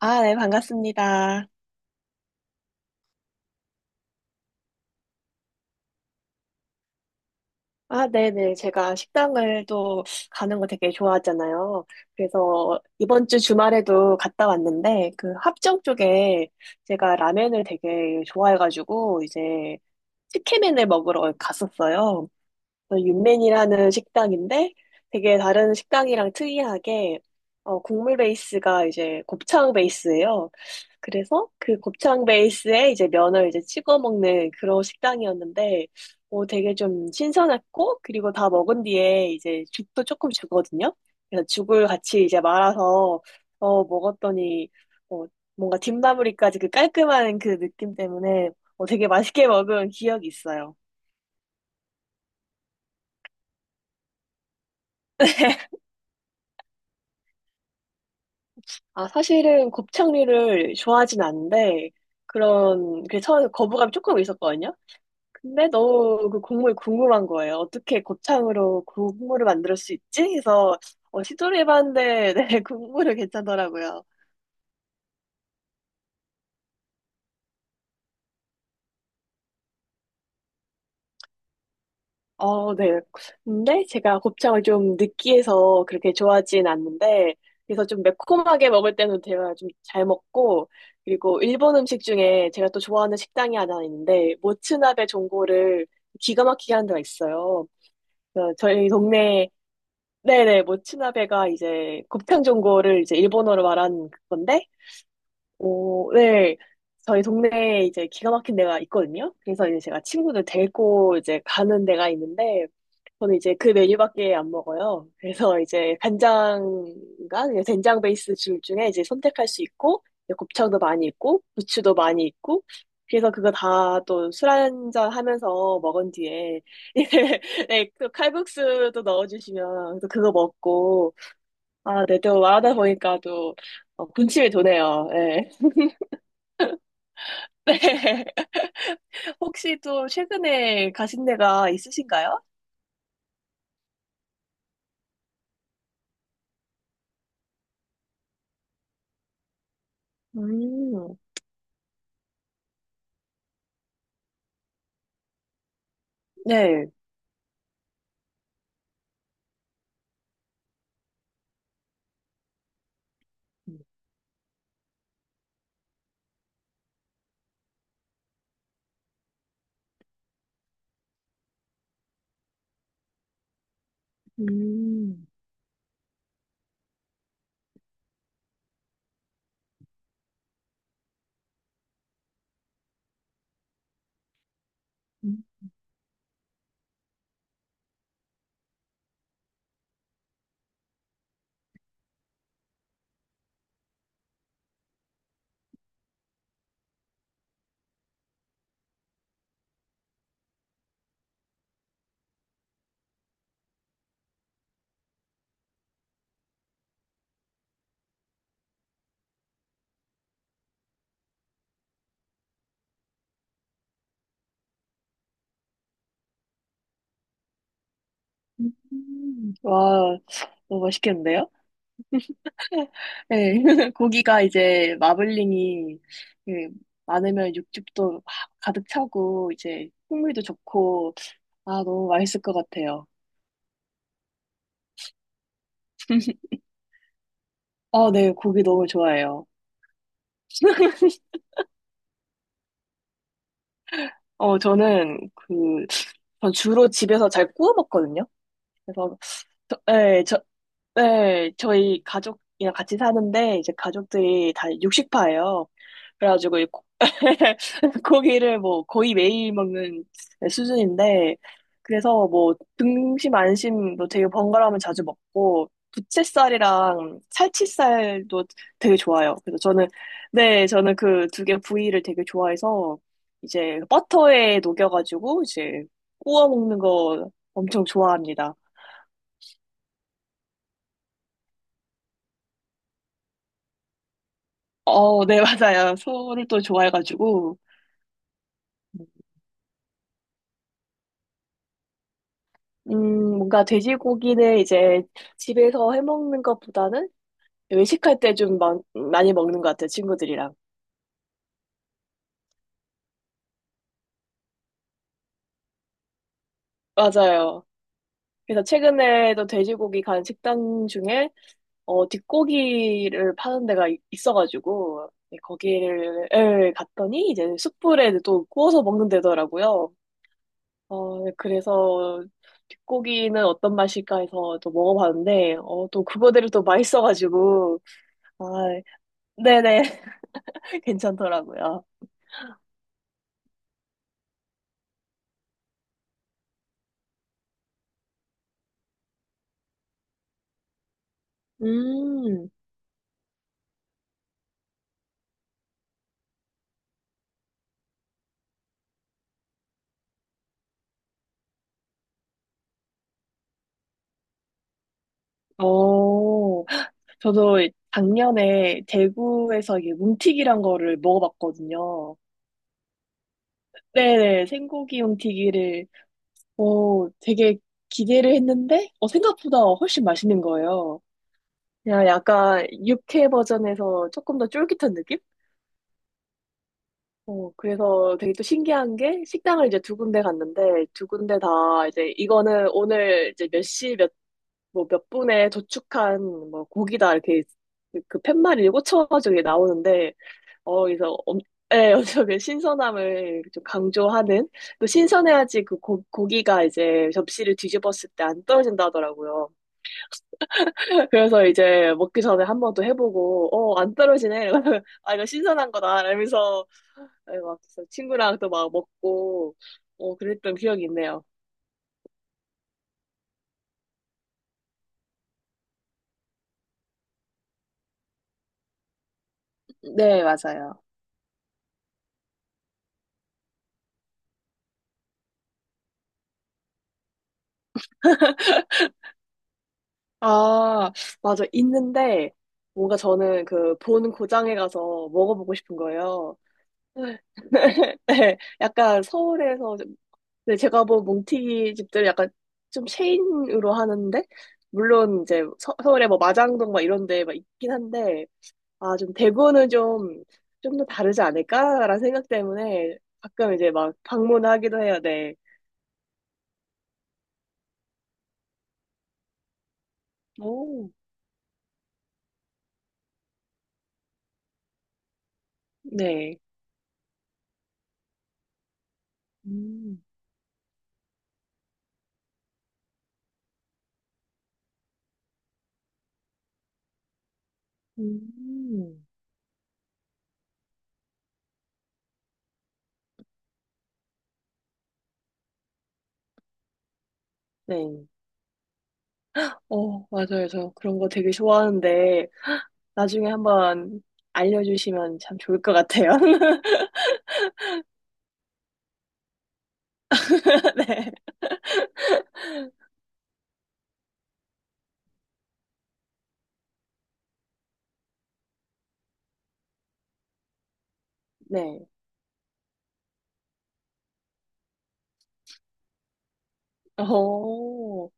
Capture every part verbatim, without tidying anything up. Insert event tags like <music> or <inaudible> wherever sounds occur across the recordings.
아, 네, 반갑습니다. 아, 네네. 제가 식당을 또 가는 거 되게 좋아하잖아요. 그래서 이번 주 주말에도 갔다 왔는데, 그 합정 쪽에 제가 라면을 되게 좋아해가지고, 이제 치킨맨을 먹으러 갔었어요. 어, 윤맨이라는 식당인데 되게 다른 식당이랑 특이하게 어, 국물 베이스가 이제 곱창 베이스예요. 그래서 그 곱창 베이스에 이제 면을 이제 찍어 먹는 그런 식당이었는데 어, 되게 좀 신선했고, 그리고 다 먹은 뒤에 이제 죽도 조금 주거든요. 그래서 죽을 같이 이제 말아서 어, 먹었더니 어, 뭔가 뒷마무리까지 그 깔끔한 그 느낌 때문에 어, 되게 맛있게 먹은 기억이 있어요. <laughs> 아, 사실은 곱창류를 좋아하진 않는데, 그런, 그 처음에 거부감이 조금 있었거든요? 근데 너무 그 국물이 궁금한 거예요. 어떻게 곱창으로 그 국물을 만들 수 있지? 해서, 어, 시도를 해봤는데, <laughs> 네, 국물은 괜찮더라고요. 어, 네. 근데 제가 곱창을 좀 느끼해서 그렇게 좋아하진 않는데, 그래서 좀 매콤하게 먹을 때는 제가 좀 잘 먹고, 그리고 일본 음식 중에 제가 또 좋아하는 식당이 하나 있는데, 모츠나베 전골을 기가 막히게 하는 데가 있어요. 그래서 저희 동네, 네네, 모츠나베가 이제 곱창 전골을 이제 일본어로 말한 건데, 오, 네. 저희 동네에 이제 기가 막힌 데가 있거든요. 그래서 이제 제가 친구들 데리고 이제 가는 데가 있는데, 저는 이제 그 메뉴밖에 안 먹어요. 그래서 이제 간장과 이제 된장 베이스 줄 중에 이제 선택할 수 있고, 이제 곱창도 많이 있고, 부추도 많이 있고, 그래서 그거 다 또 술 한잔 하면서 먹은 뒤에, <laughs> 이제, 네, 또 칼국수도 넣어주시면 또 그거 먹고, 아, 네, 또 말하다 보니까 또 어, 군침이 도네요. 네. 네. <laughs> 혹시 또 최근에 가신 데가 있으신가요? 음, 네. 음, 음. 와, 너무 맛있겠는데요? 네. <laughs> 고기가 이제 마블링이 예, 많으면 육즙도 막 가득 차고, 이제 풍미도 좋고, 아, 너무 맛있을 것 같아요. <laughs> 아, 네. 고기 너무 좋아해요. <laughs> 어, 저는 그, 전 주로 집에서 잘 구워 먹거든요. 그래서, 저, 네, 네, 저희 가족이랑 같이 사는데 이제 가족들이 다 육식파예요. 그래가지고 이 고- <laughs> 고기를 뭐 거의 매일 먹는 수준인데 그래서 뭐 등심 안심 뭐 되게 번갈아가면 자주 먹고 부채살이랑 살치살도 되게 좋아요. 그래서 저는 네, 저는 그 두 개 부위를 되게 좋아해서 이제 버터에 녹여가지고 이제 구워 먹는 거 엄청 좋아합니다. 어, 네, <laughs> 맞아요. 소를 또 좋아해가지고, 음, 뭔가 돼지고기는 이제 집에서 해먹는 것보다는 외식할 때 좀 많이 먹는 것 같아요, 친구들이랑. 맞아요. 그래서 최근에도 돼지고기 간 식당 중에, 어, 뒷고기를 파는 데가 이- 있어가지고, 네, 거기를 갔더니 이제 숯불에 또 구워서 먹는 데더라고요. 어, 네, 그래서 뒷고기는 어떤 맛일까 해서 또 먹어봤는데, 어, 또 그거대로 또 맛있어가지고, 아, 네네, <laughs> 괜찮더라고요. 음, 어, 저도 작년에 대구에서 이게 뭉티기란 거를 먹어봤거든요. 네네, 생고기 뭉티기를, 어, 되게 기대를 했는데, 어, 생각보다 훨씬 맛있는 거예요. 그냥 약간 육회 버전에서 조금 더 쫄깃한 느낌? 어, 그래서 되게 또 신기한 게 식당을 이제 두 군데 갔는데 두 군데 다 이제 이거는 오늘 이제 몇 시 몇, 뭐 몇 분에 도축한 뭐 고기다 이렇게 그, 그 팻말이 꽂혀가지고 이게 나오는데 어, 그래서 엄, 예, <laughs> 엄청 그 신선함을 좀 강조하는 또 신선해야지 그 고, 고기가 이제 접시를 뒤집었을 때 안 떨어진다 하더라고요. <laughs> 그래서 이제 먹기 전에 한 번 또 해보고 어, 안 떨어지네. <laughs> 아, 이거 신선한 거다. 이러면서 네, 막 그래서 친구랑 또 막 먹고 어, 그랬던 기억이 있네요. 네, 맞아요. 아, 맞아. 있는데 뭔가 저는 그 본 고장에 가서 먹어보고 싶은 거예요. <laughs> 네, 약간 서울에서 좀- 네, 제가 본 몽튀기 집들 약간 좀 체인으로 하는데 물론 이제 서, 울에뭐 마장동 막 이런 데막 있긴 한데 아, 좀 대구는 좀 좀 더 다르지 않을까라는 생각 때문에 가끔 이제 막 방문하기도 해요. 네. 오, 네. 음, 음. 네. 어, 맞아요. 저 그런 거 되게 좋아하는데, 나중에 한번 알려주시면 참 좋을 것 같아요. <laughs> 네. 네. 어,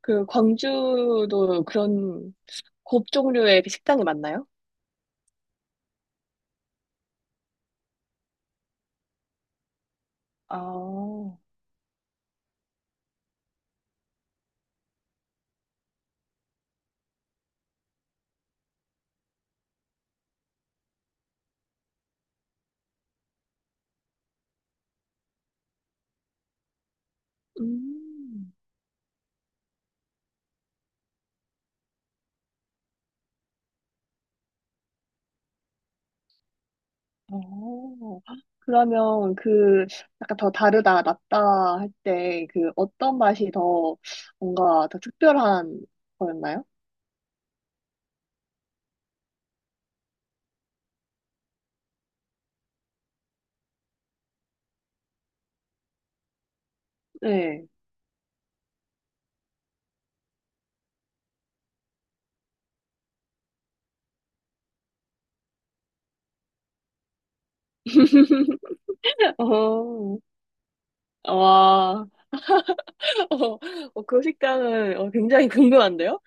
그, 광주도 그런 곱 종류의 식당이 많나요? 아, 어, 음, 어. 그러면 그, 약간 더 다르다, 낫다 할 때, 그, 어떤 맛이 더 뭔가 더 특별한 거였나요? 네. 어, 와, <laughs> 어, 어, 그 식당은 어, 굉장히 <laughs> 궁금한데요?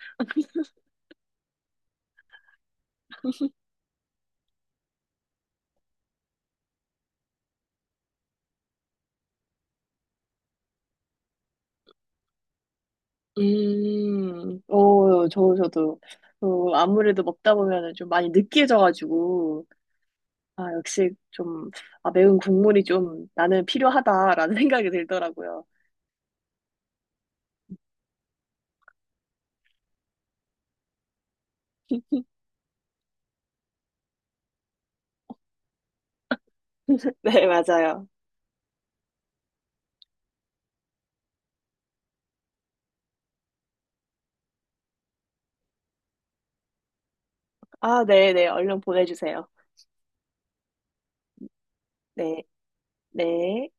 음, 어, 저, 저도, 어, 아무래도 먹다 보면은 좀 많이 느끼해져가지고, 아, 역시 좀, 아, 매운 국물이 좀 나는 필요하다라는 <laughs> 생각이 들더라고요. 네, 맞아요. 아, 네, 네, 얼른 보내주세요. 네, 네.